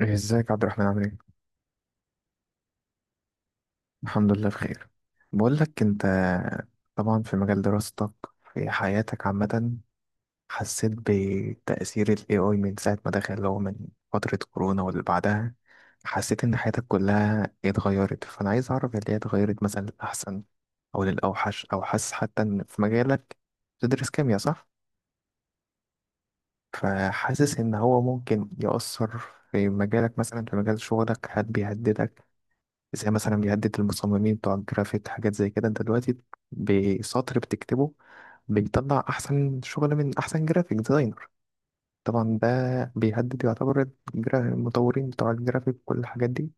ازيك يا عبد الرحمن، عامل ايه؟ الحمد لله بخير. بقول لك انت، طبعا في مجال دراستك، في حياتك عامة، حسيت بتأثير ال AI من ساعة ما دخل، اللي هو من فترة كورونا واللي بعدها، حسيت ان حياتك كلها اتغيرت. فانا عايز اعرف اللي هي اتغيرت مثلا للأحسن او للأوحش، او حاسس حتى ان في مجالك، تدرس كيمياء صح؟ فحاسس ان هو ممكن يأثر في مجالك، مثلا في مجال شغلك، هل بيهددك زي مثلا بيهدد المصممين بتوع الجرافيك، حاجات زي كده. انت دلوقتي بسطر بتكتبه بيطلع احسن شغل من احسن جرافيك ديزاينر. طبعا ده بيهدد، يعتبر المطورين بتوع الجرافيك وكل الحاجات دي.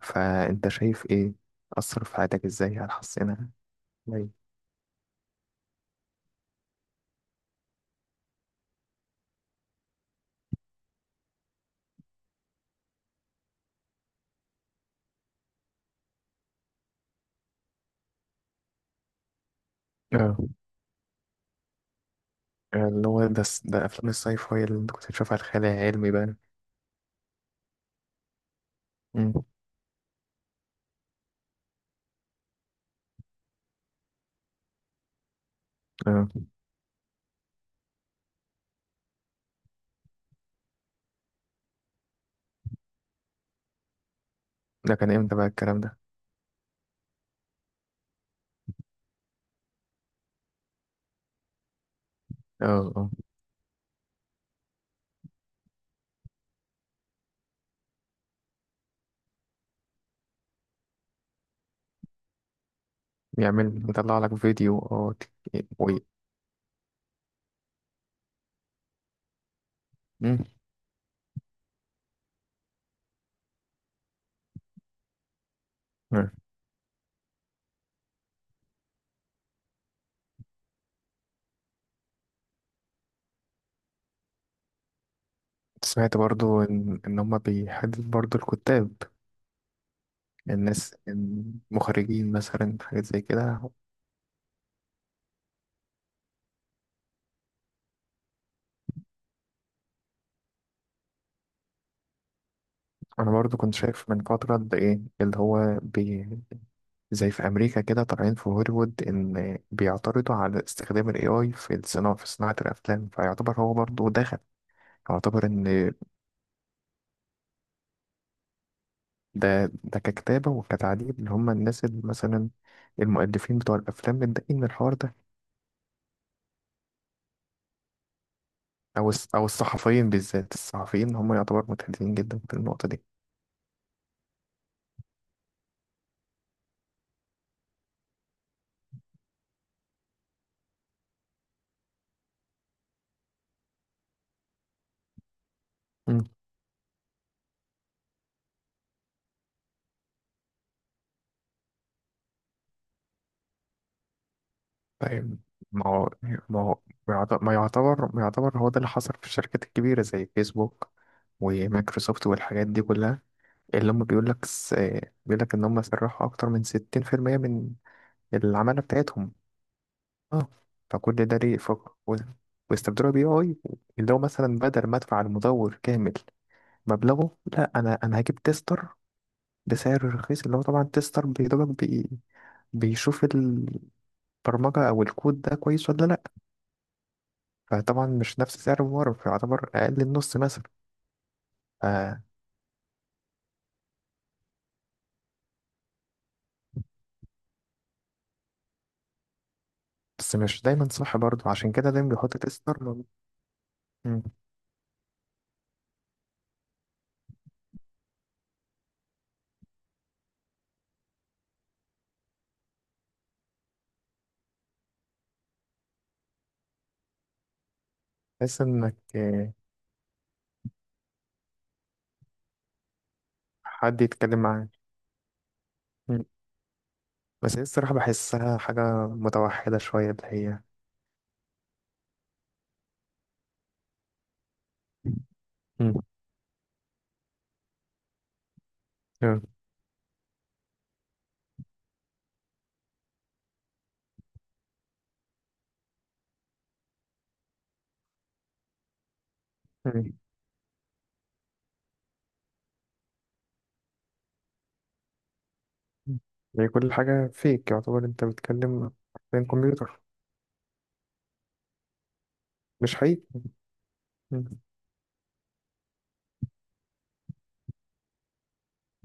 فانت شايف ايه اثر في حياتك؟ ازاي؟ هل حسنها ازاي؟ اه، اللي هو ده افلام الساي فاي اللي انت كنت بتشوفها، الخيال العلمي بقى. مم. اه، ده كان امتى بقى الكلام ده؟ اه اه، يعمل يطلع لك فيديو. اه وي. مم. سمعت برضو إن هما بيحدد برضو الكتاب، الناس، المخرجين، مثلا حاجات زي كده. أنا برضو كنت شايف من فترة ده إيه اللي هو زي في أمريكا كده، طالعين في هوليوود إن بيعترضوا على استخدام ال AI في الصناعة، في صناعة الأفلام. فيعتبر هو برضو دخل، يعتبر إن ده ككتابة وكتعديل، اللي هما الناس اللي مثلا المؤلفين بتوع الأفلام متضايقين من الحوار ده. أو الصحفيين، بالذات الصحفيين هم يعتبر متهددين جدا في النقطة دي. طيب. ما هو ما هو ما يعتبر هو ده اللي حصل في الشركات الكبيرة زي فيسبوك ومايكروسوفت والحاجات دي كلها. اللي هم بيقول لك إن هم سرحوا أكتر من 60% من العمالة بتاعتهم. اه. فكل ده ليه ف... و... واستبدلوا بي آي، اللي هو مثلا بدل ما أدفع المدور كامل مبلغه، لا، أنا هجيب تيستر بسعر رخيص، اللي هو طبعا تيستر بيشوف البرمجة أو الكود ده كويس ولا لأ. فطبعا مش نفس سعر الممر، فيعتبر أقل النص مثلا. ف... بس مش دايما صح برضو، عشان كده دايما بيحط تيستر. بحيث إنك آه، حد يتكلم معاه. مم. بس هي الصراحة بحسها حاجة متوحدة شوية اللي هي. مم. آه. مم. هي كل حاجة فيك، يعتبر أنت بتتكلم بين كمبيوتر، مش حقيقي. مم.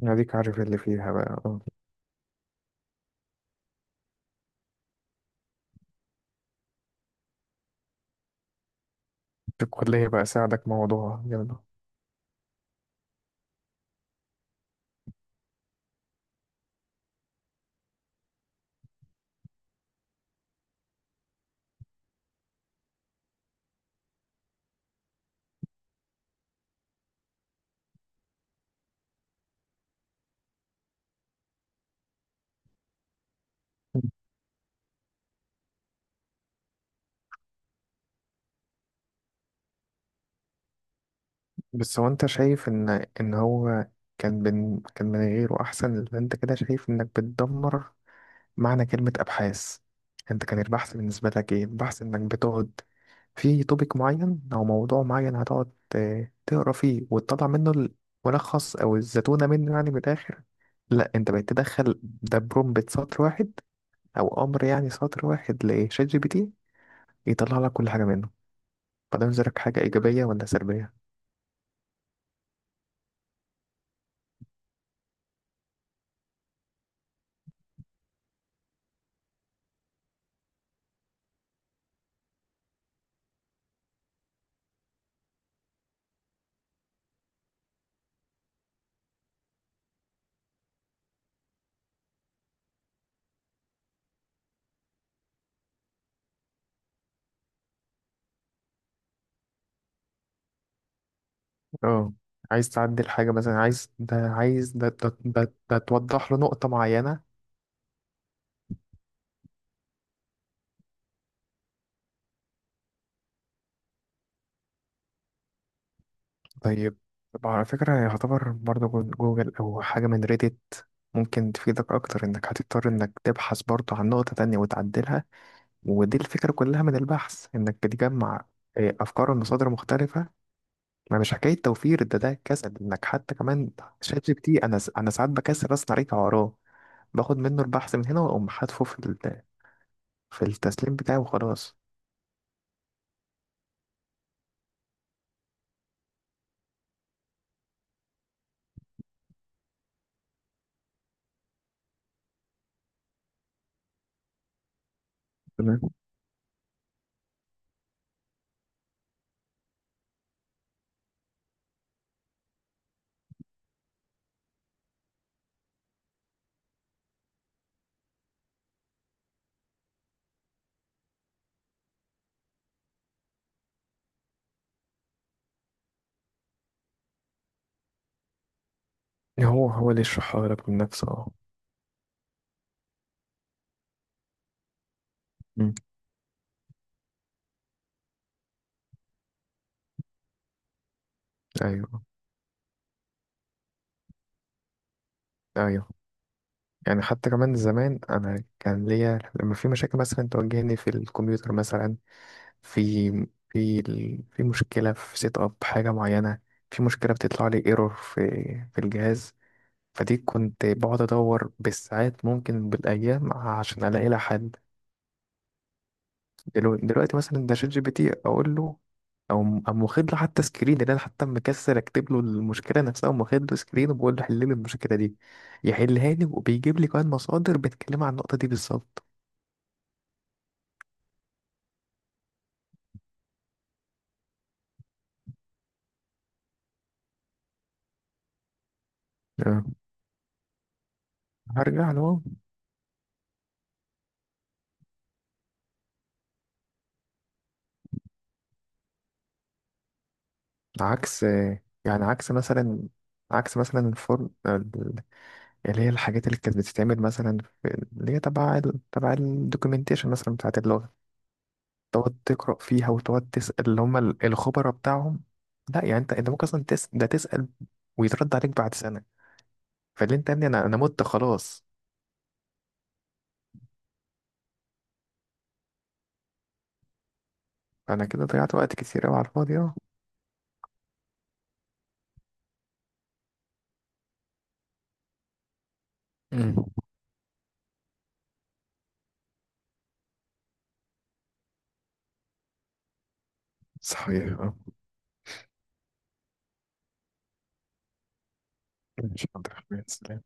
هديك عارف اللي فيها بقى. آه. في الكلية بقى ساعدك موضوع يلا؟ بس هو انت شايف ان هو كان كان من غيره احسن، اللي انت كده شايف انك بتدمر معنى كلمة ابحاث. انت كان البحث بالنسبة لك ايه؟ البحث انك بتقعد في توبيك معين او موضوع معين، هتقعد تقرا فيه وتطلع منه الملخص او الزتونة منه، يعني من الاخر. لا، انت بقيت تدخل ده برومبت سطر واحد او امر، يعني سطر واحد لشات جي بي تي، يطلع لك كل حاجة منه. فده بالنسبة لك حاجة ايجابية ولا سلبية؟ اه، عايز تعدل حاجة مثلا، عايز ده، عايز ده توضح له نقطة معينة. طيب. طب على فكرة يعتبر برضه جوجل أو حاجة من ريديت ممكن تفيدك أكتر، إنك هتضطر إنك تبحث برضه عن نقطة تانية وتعدلها. ودي الفكرة كلها من البحث، إنك بتجمع آه، أفكار ومصادر مختلفة. ما مش حكاية توفير، ده كسل إنك حتى كمان شات جي بي تي، أنا ساعات بكسل أصلا أراجع وراه، باخد منه البحث من هنا وأقوم حاتفه في التسليم بتاعي وخلاص. تمام. هو هو اللي يشرحها لك من نفسه، اه. مم. ايوه، ايوه. يعني حتى كمان زمان انا كان ليا لما في مشاكل مثلا تواجهني في الكمبيوتر مثلا، في في مشكله في سيت اب حاجه معينه، في مشكله بتطلع لي ايرور في الجهاز. فدي كنت بقعد ادور بالساعات، ممكن بالايام، عشان الاقي لها حل. دلوقتي مثلا ده شات جي بي تي اقول له، او م- أم واخد له حتى سكرين، اللي انا حتى مكسر، اكتب له المشكله نفسها. قام واخد له سكرين وبقول له حل لي المشكله دي، يحلها لي وبيجيب لي كمان مصادر بتتكلم عن النقطه دي بالظبط. آه، هرجع له. عكس آه، يعني عكس مثلا الفرن اللي هي الحاجات اللي كانت بتتعمل مثلا في اللي هي تبع تبع الدوكيومنتيشن مثلا بتاعت اللغه، تقعد تقرأ فيها وتقعد تسأل اللي هم الخبراء بتاعهم. لا يعني انت ممكن اصلا ده تسأل، ويترد عليك بعد سنة. فاللي انت يا ابني انا مت خلاص. انا كده ضيعت وقت كتير قوي على الفاضي. اه. مم. صحيح اه. ماشي، حاضر.